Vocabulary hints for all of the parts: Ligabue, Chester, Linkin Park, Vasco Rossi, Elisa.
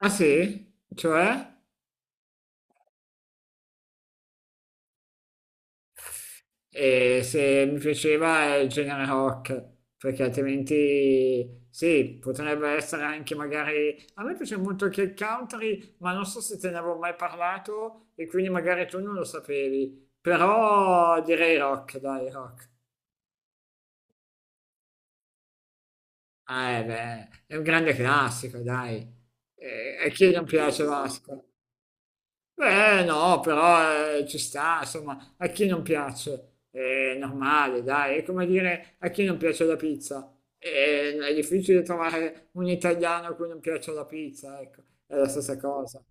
Ah sì? Cioè? E se mi piaceva è il genere rock, perché altrimenti sì, potrebbe essere anche magari... A me piace molto anche il country, ma non so se te ne avevo mai parlato e quindi magari tu non lo sapevi. Però direi rock, dai, rock. Ah, beh, è un grande classico, dai. E chi non piace Vasco? Beh, no, però ci sta, insomma, a chi non piace è normale, dai, è come dire a chi non piace la pizza. È difficile trovare un italiano a cui non piace la pizza, ecco, è la stessa cosa.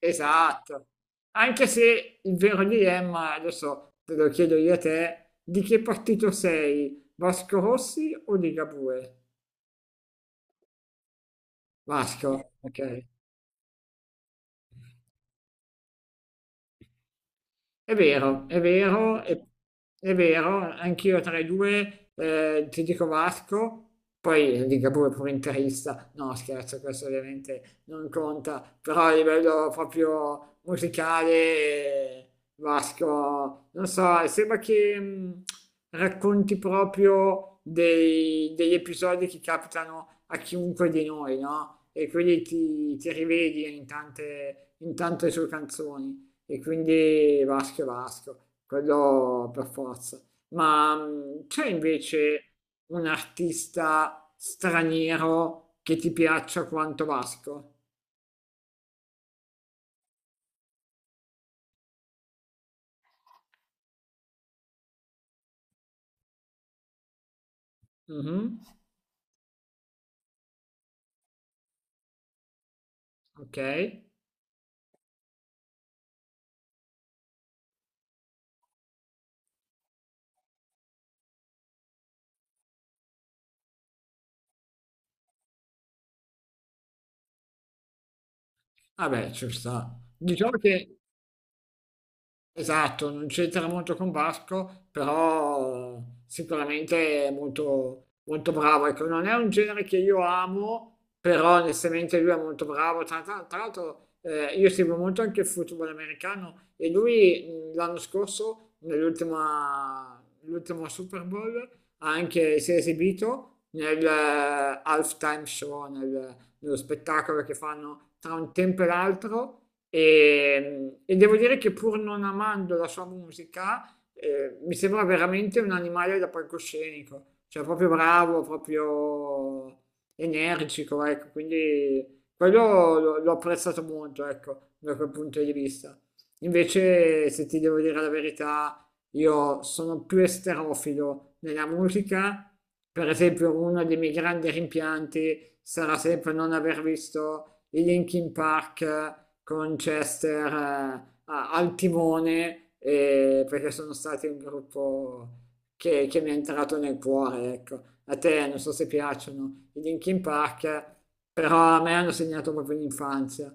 Esatto. Anche se il vero dilemma, adesso te lo chiedo io a te, di che partito sei? Vasco Rossi o Ligabue? Vasco, ok. È vero, è vero, è vero, anch'io tra i due ti dico Vasco, poi Ligabue pure interista, no scherzo, questo ovviamente non conta, però a livello proprio musicale Vasco, non so, sembra che racconti proprio degli episodi che capitano a chiunque di noi, no? E quindi ti rivedi in tante sue canzoni e quindi Vasco è Vasco, quello per forza. Ma c'è invece un artista straniero che ti piaccia quanto Vasco? Mhm. Ok, vabbè, ci sta. Diciamo che esatto, non c'entra molto con Basco, però sicuramente è molto, molto bravo. Ecco, non è un genere che io amo, però onestamente lui è molto bravo. Tra l'altro, io seguo molto anche il football americano e lui l'anno scorso, nell'ultima l'ultimo Super Bowl, ha anche, si è esibito nel halftime show, nello spettacolo che fanno tra un tempo e l'altro e devo dire che pur non amando la sua musica, mi sembra veramente un animale da palcoscenico, cioè proprio bravo, proprio energico, ecco, quindi quello l'ho apprezzato molto, ecco, da quel punto di vista. Invece, se ti devo dire la verità, io sono più esterofilo nella musica. Per esempio, uno dei miei grandi rimpianti sarà sempre non aver visto i Linkin Park con Chester al timone perché sono stati un gruppo che mi è entrato nel cuore, ecco. A te non so se piacciono i Linkin Park, però a me hanno segnato proprio l'infanzia.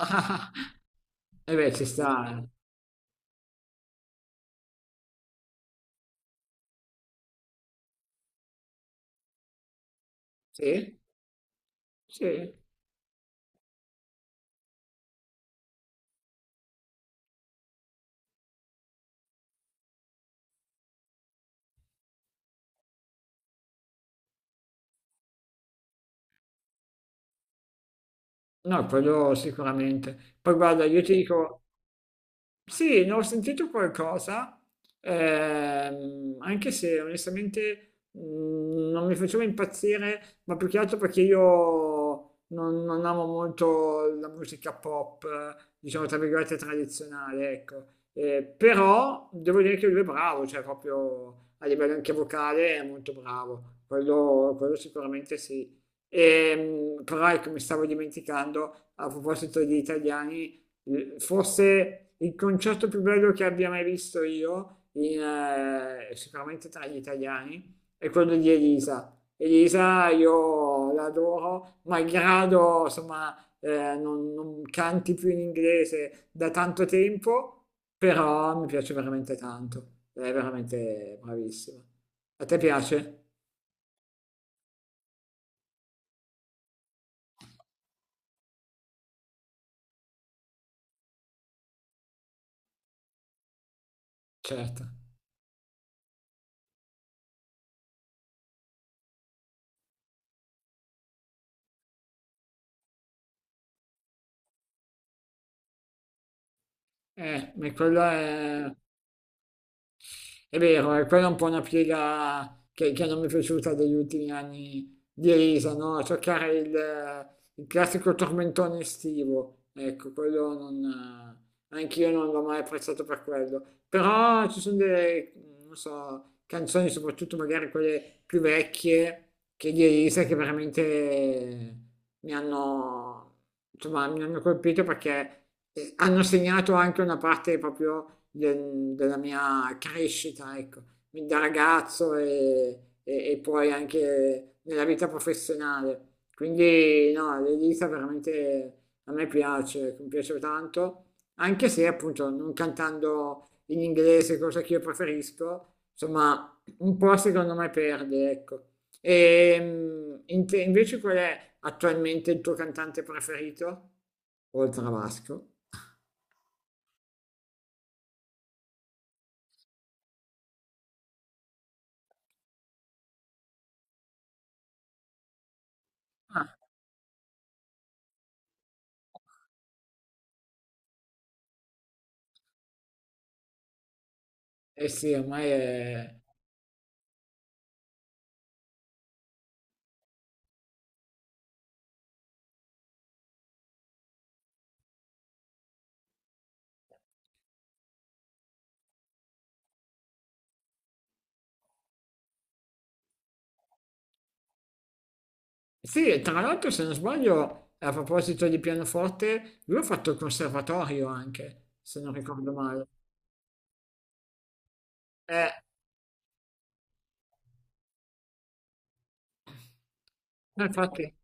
E beh, ci sta, eh. Sì, sì, no, quello sicuramente. Poi guarda, io ti dico, sì, ne ho sentito qualcosa, anche se onestamente non mi faceva impazzire, ma più che altro perché io non amo molto la musica pop, diciamo tra virgolette tradizionale, ecco. Però devo dire che lui è bravo, cioè proprio a livello anche vocale è molto bravo, quello sicuramente sì. E però ecco, mi stavo dimenticando, a proposito di italiani, forse il concerto più bello che abbia mai visto io, sicuramente tra gli italiani, è quello di Elisa. Elisa io l'adoro, malgrado insomma non canti più in inglese da tanto tempo, però mi piace veramente tanto, è veramente bravissima. A te piace? Certo. Ma quello è... È vero, e quella è un po' una piega che non mi è piaciuta degli ultimi anni di Elisa, no? Cercare il classico tormentone estivo, ecco, quello non... Eh, anch'io non l'ho mai apprezzato per quello. Però ci sono delle, non so, canzoni, soprattutto magari quelle più vecchie, che di Elisa, che veramente mi hanno, insomma, mi hanno colpito perché hanno segnato anche una parte proprio della mia crescita, ecco, da ragazzo e poi anche nella vita professionale. Quindi no, l'Elisa veramente a me piace, mi piace tanto, anche se appunto non cantando in inglese, cosa che io preferisco, insomma, un po' secondo me perde, ecco. E invece qual è attualmente il tuo cantante preferito? Oltre a Vasco. Ah, eh sì, ormai è... Sì, e tra l'altro se non sbaglio, a proposito di pianoforte, lui ha fatto il conservatorio anche, se non ricordo male. Eh, infatti,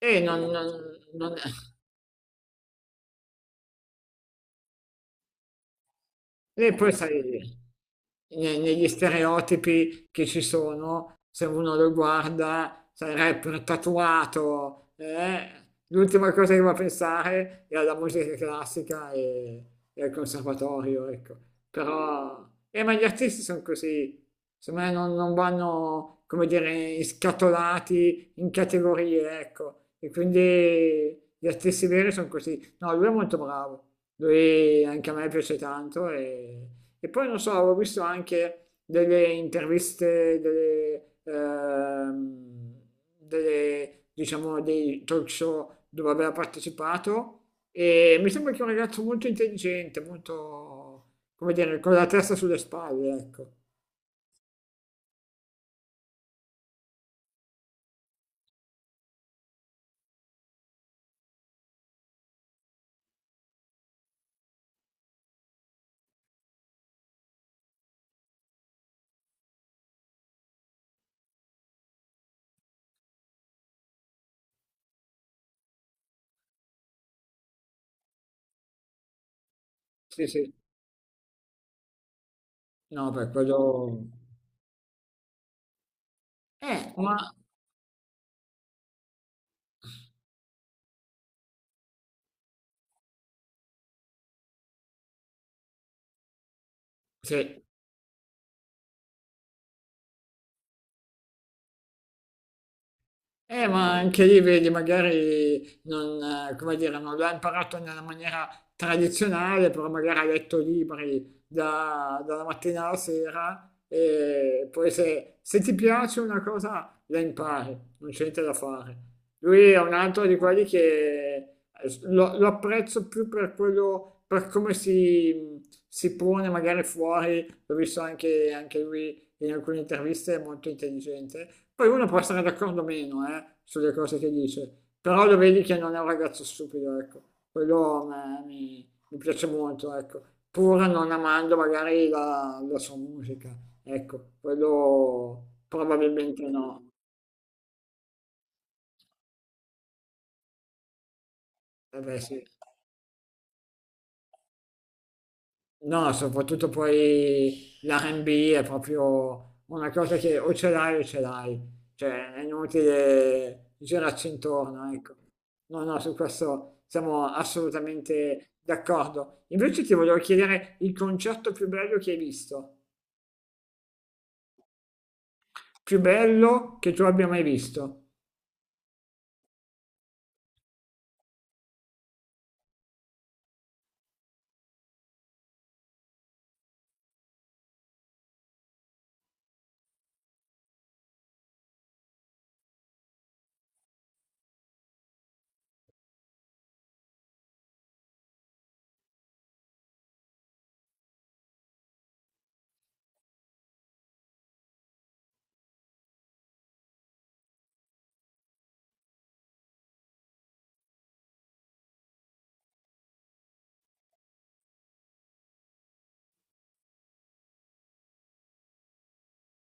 eh, non, non- non- E poi eh, sai, negli stereotipi che ci sono, se uno lo guarda, sai, rapper tatuato, l'ultima cosa che va a pensare è alla musica classica e al conservatorio, ecco. Però, ma gli artisti sono così, secondo me non vanno, come dire, scatolati in categorie, ecco. E quindi gli artisti veri sono così. No, lui è molto bravo, lui anche a me piace tanto e poi non so, avevo visto anche delle interviste, delle, delle, diciamo, dei talk show dove aveva partecipato e mi sembra che è un ragazzo molto intelligente, molto, come dire, con la testa sulle spalle, ecco. Sì, sì. No, per quello... ma... Sì. Ma anche lì vedi, magari non, come dire, non l'ha imparato nella maniera tradizionale, però magari ha letto libri dalla mattina alla sera e poi se, se ti piace una cosa la impari, non c'è niente da fare. Lui è un altro di quelli che lo apprezzo più per quello, per come si pone magari fuori, l'ho visto anche, anche lui in alcune interviste è molto intelligente. Poi uno può essere d'accordo o meno, sulle cose che dice, però lo vedi che non è un ragazzo stupido, ecco. Quello a me mi piace molto, ecco. Pur non amando magari la sua musica, ecco, quello probabilmente no. Eh beh, sì. No, soprattutto poi l'R&B è proprio una cosa che o ce l'hai, cioè è inutile girarci intorno, ecco. No, no, su questo siamo assolutamente d'accordo. Invece ti volevo chiedere il concerto più bello che hai visto, più bello che tu abbia mai visto.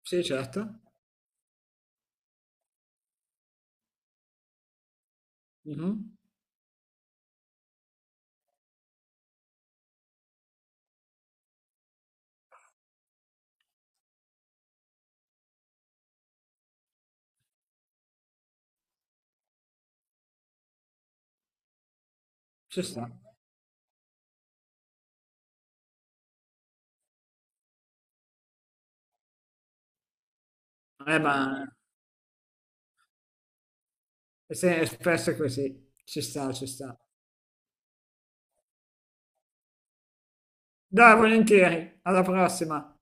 Sì, certo. Mhm. Ci sta. Ma è spesso così, ci sta, ci sta. Dai, volentieri, alla prossima.